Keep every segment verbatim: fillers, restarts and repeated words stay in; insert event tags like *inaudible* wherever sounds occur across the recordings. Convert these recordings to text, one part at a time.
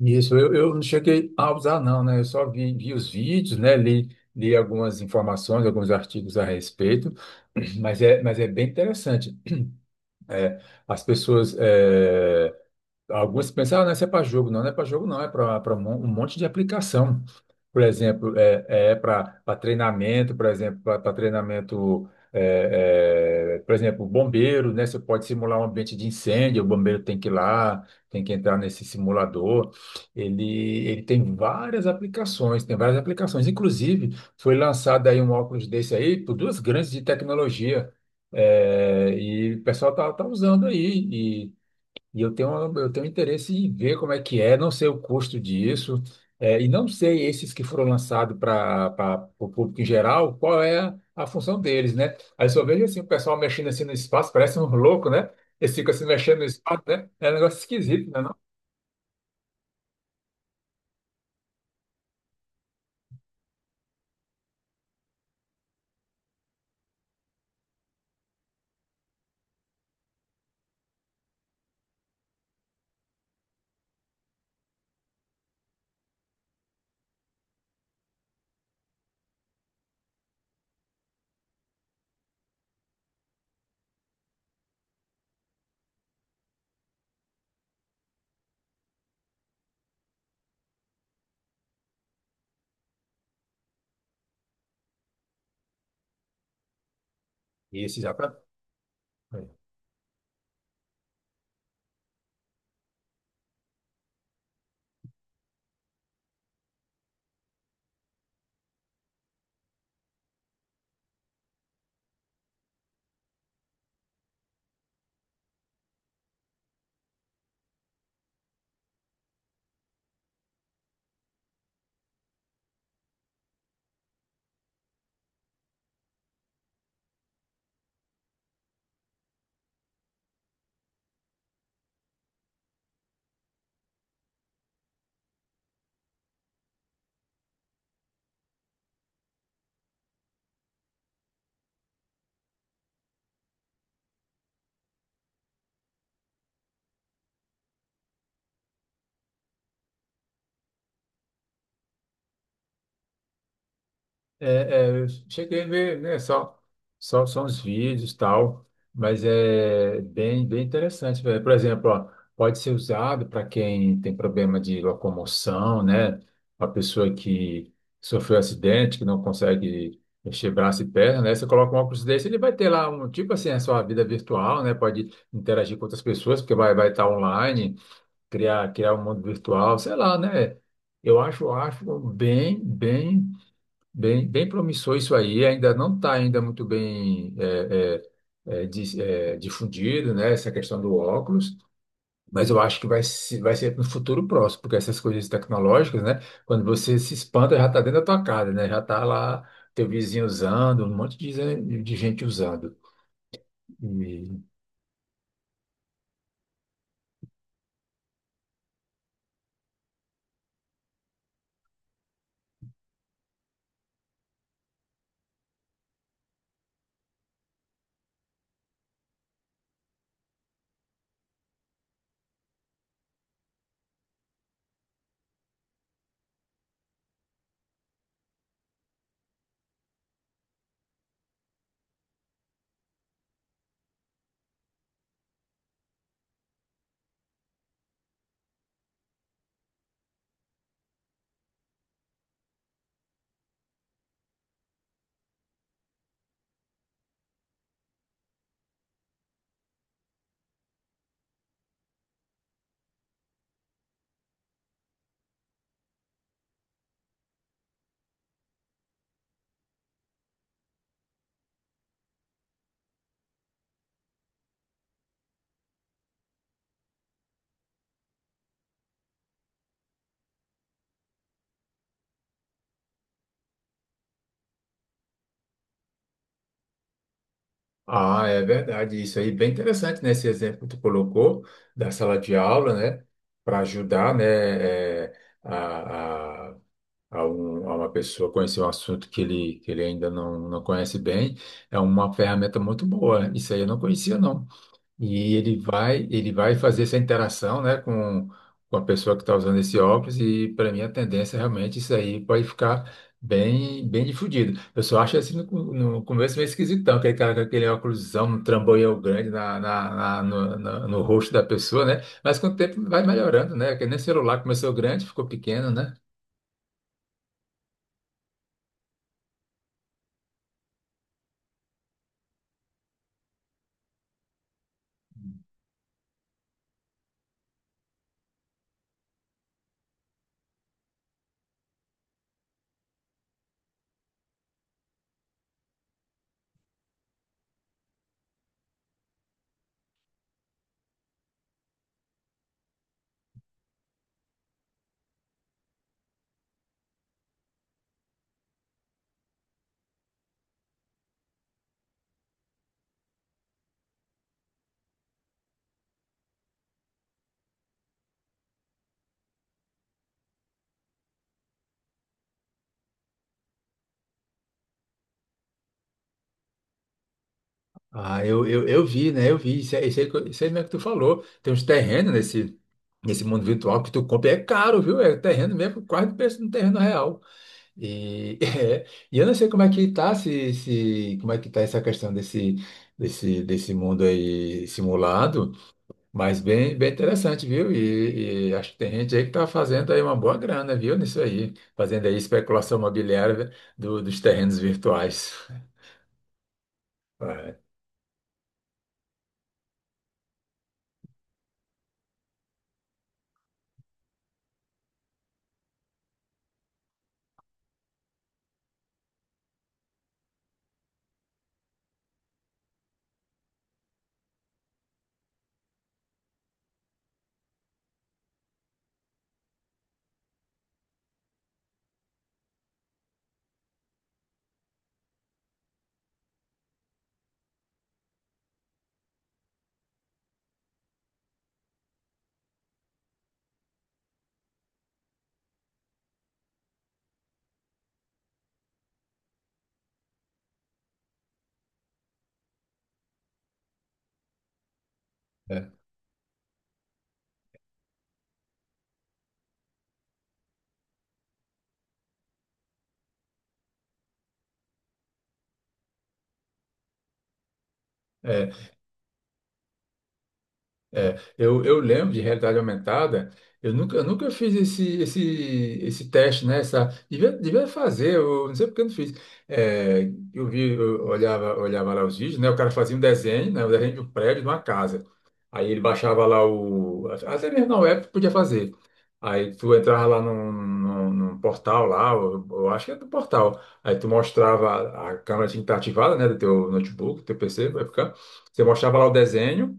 Isso, eu, eu não cheguei a usar, não, né? Eu só vi, vi os vídeos, né? Li, li algumas informações, alguns artigos a respeito, *clears throat* mas é, mas é bem interessante. As pessoas eh, alguns pensam, ah, não, isso é para jogo. Não, não é para jogo, não. É para um monte de aplicação. Por exemplo, é, é para treinamento, por exemplo, para treinamento, é, é, por exemplo, bombeiro, né? Você pode simular um ambiente de incêndio, o bombeiro tem que ir lá, tem que entrar nesse simulador. Ele, ele tem várias aplicações, tem várias aplicações. Inclusive, foi lançado aí um óculos desse aí por duas grandes de tecnologia. É, e o pessoal tá, tá usando aí e eu tenho, eu tenho interesse em ver como é que é, não sei o custo disso, é, e não sei esses que foram lançados para o público em geral, qual é a função deles, né? Aí só vejo assim, o pessoal mexendo assim no espaço, parece um louco, né? Eles ficam se mexendo no espaço, né? É um negócio esquisito, né? Não? Esse já para. É, é, eu cheguei a ver, né, só, só, só uns vídeos e tal, mas é bem, bem interessante, velho. Por exemplo, ó, pode ser usado para quem tem problema de locomoção, né? A pessoa que sofreu acidente, que não consegue mexer braço e perna, né? Você coloca um óculos desse, ele vai ter lá um, tipo assim, a sua vida virtual, né? Pode interagir com outras pessoas, porque vai, vai estar online, criar, criar um mundo virtual, sei lá, né? Eu acho, acho bem, bem Bem, bem promissor isso aí, ainda não está ainda muito bem é, é, é, dis- é, difundido, né, essa questão do óculos, mas eu acho que vai, se- vai ser no futuro próximo, porque essas coisas tecnológicas, né, quando você se espanta, já está dentro da tua casa, né, já está lá teu vizinho usando, um monte de, gen- de gente usando. E- Ah, é verdade, isso aí, bem interessante, né, esse exemplo que tu colocou da sala de aula, né, para ajudar, né, é, a, a- a, um- a uma pessoa conhecer um assunto que ele, que ele ainda não, não conhece bem, é uma ferramenta muito boa. Isso aí eu não conhecia, não. E ele vai, ele vai fazer essa interação, né, com, com a pessoa que está usando esse óculos, e para mim a tendência é realmente isso aí pode ficar bem, bem difundido. Eu só acho assim no, co- no começo meio esquisitão, aquele cara com aquele óculosão, um trambolhão grande na, na, na- no, na- no rosto da pessoa, né? Mas com o tempo vai melhorando, né? Porque nem celular começou grande, ficou pequeno, né? Ah, eu, eu, eu vi, né? Eu vi. Isso, é- isso aí, que eu- isso aí mesmo que tu falou. Tem uns terrenos nesse, nesse mundo virtual que tu compra. É caro, viu? É terreno mesmo, quase o preço de um terreno real. E, *laughs* é, e eu não sei como é que tá, se, se, como é que tá essa questão desse, desse, desse mundo aí simulado, mas bem, bem interessante, viu? E, e acho que tem gente aí que tá fazendo aí uma boa grana, viu? Nisso aí. Fazendo aí especulação imobiliária do- dos terrenos virtuais. *laughs* É, é. É, eu, eu lembro de realidade aumentada, eu nunca, eu nunca fiz esse, esse, esse teste, né? Essa, devia, devia fazer, eu não sei porque eu não fiz. É, eu vi, eu olhava, olhava lá os vídeos, né? O cara fazia um desenho, né? O desenho de um prédio, de uma casa. Aí ele baixava lá o. Até mesmo na web tu podia fazer. Aí tu entrava lá num, num, num portal lá, eu, eu acho que é do portal. Aí tu mostrava, a câmera tinha que estar ativada, né? Do teu notebook, do teu P C, vai ficar. Você mostrava lá o desenho.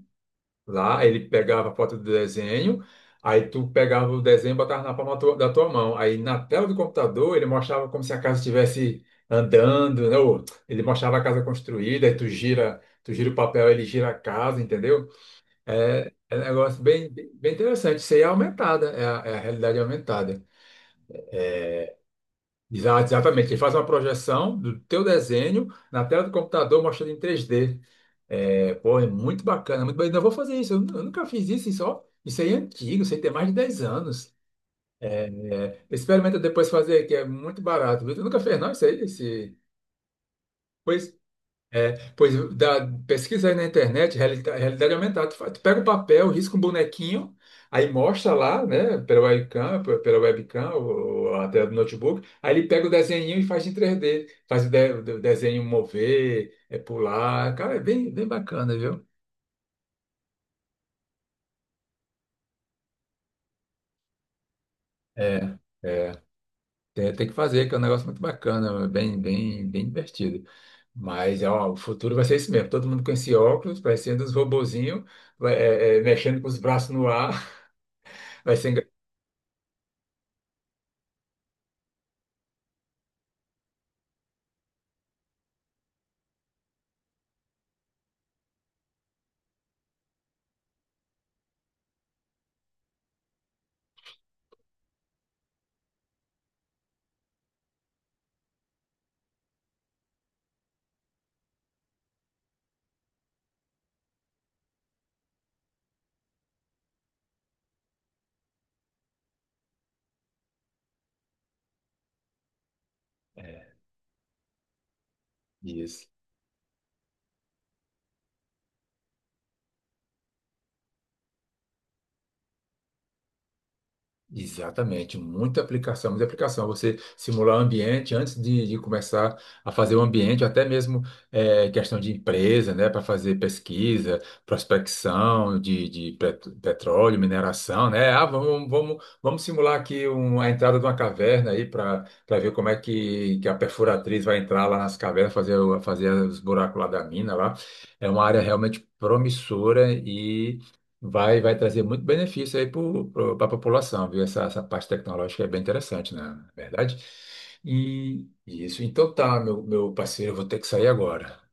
Lá ele pegava a foto do desenho, aí tu pegava o desenho e botava na palma tua- da tua mão. Aí na tela do computador ele mostrava como se a casa estivesse andando, né? Ou ele mostrava a casa construída, aí tu gira, tu gira o papel, ele gira a casa, entendeu? É, é um negócio bem, bem bem interessante. Isso aí é aumentada, é a, é a realidade aumentada. Exa- Exatamente, ele faz uma projeção do teu desenho na tela do computador mostrando em três D. É, pô, é muito bacana, muito bacana. Eu vou fazer isso, eu, nu- eu nunca fiz isso, isso, ó, isso aí é antigo, isso aí tem mais de dez anos. Experimenta depois fazer, que é muito barato. Viu? Tu nunca fez, não, isso aí? Esse... Pois é, pois dá, pesquisa aí na internet, reali- realidade aumentada. Tu, fa- tu pega o papel, risca um bonequinho, aí mostra lá, né, pela webcam, pe- pela webcam ou, ou a tela do notebook, aí ele pega o desenho e faz em três D, faz o, de- o desenho mover, é pular, cara, é bem, bem bacana, viu? É, é. Tem, tem que fazer, que é um negócio muito bacana, bem, bem, bem divertido. Mas ó, o futuro vai ser isso mesmo. Todo mundo com esse óculos, parecendo uns robozinhos, vai- é, é, mexendo com os braços no ar. *laughs* Vai ser é, isso. Exatamente, muita aplicação, muita aplicação. Você simular o ambiente antes de, de começar a fazer o ambiente, até mesmo eh, questão de empresa, né, para fazer pesquisa, prospecção de, de pet- petróleo, mineração, né? Ah, vamos, vamos, vamos simular aqui um- a entrada de uma caverna aí para para ver como é que, que a perfuratriz vai entrar lá nas cavernas, fazer, o- fazer os buracos lá da mina lá. É uma área realmente promissora. Vai, vai trazer muito benefício aí para a população, viu? Essa, essa parte tecnológica é bem interessante, né? Na verdade. E isso, então tá, meu, meu parceiro, eu vou ter que sair agora.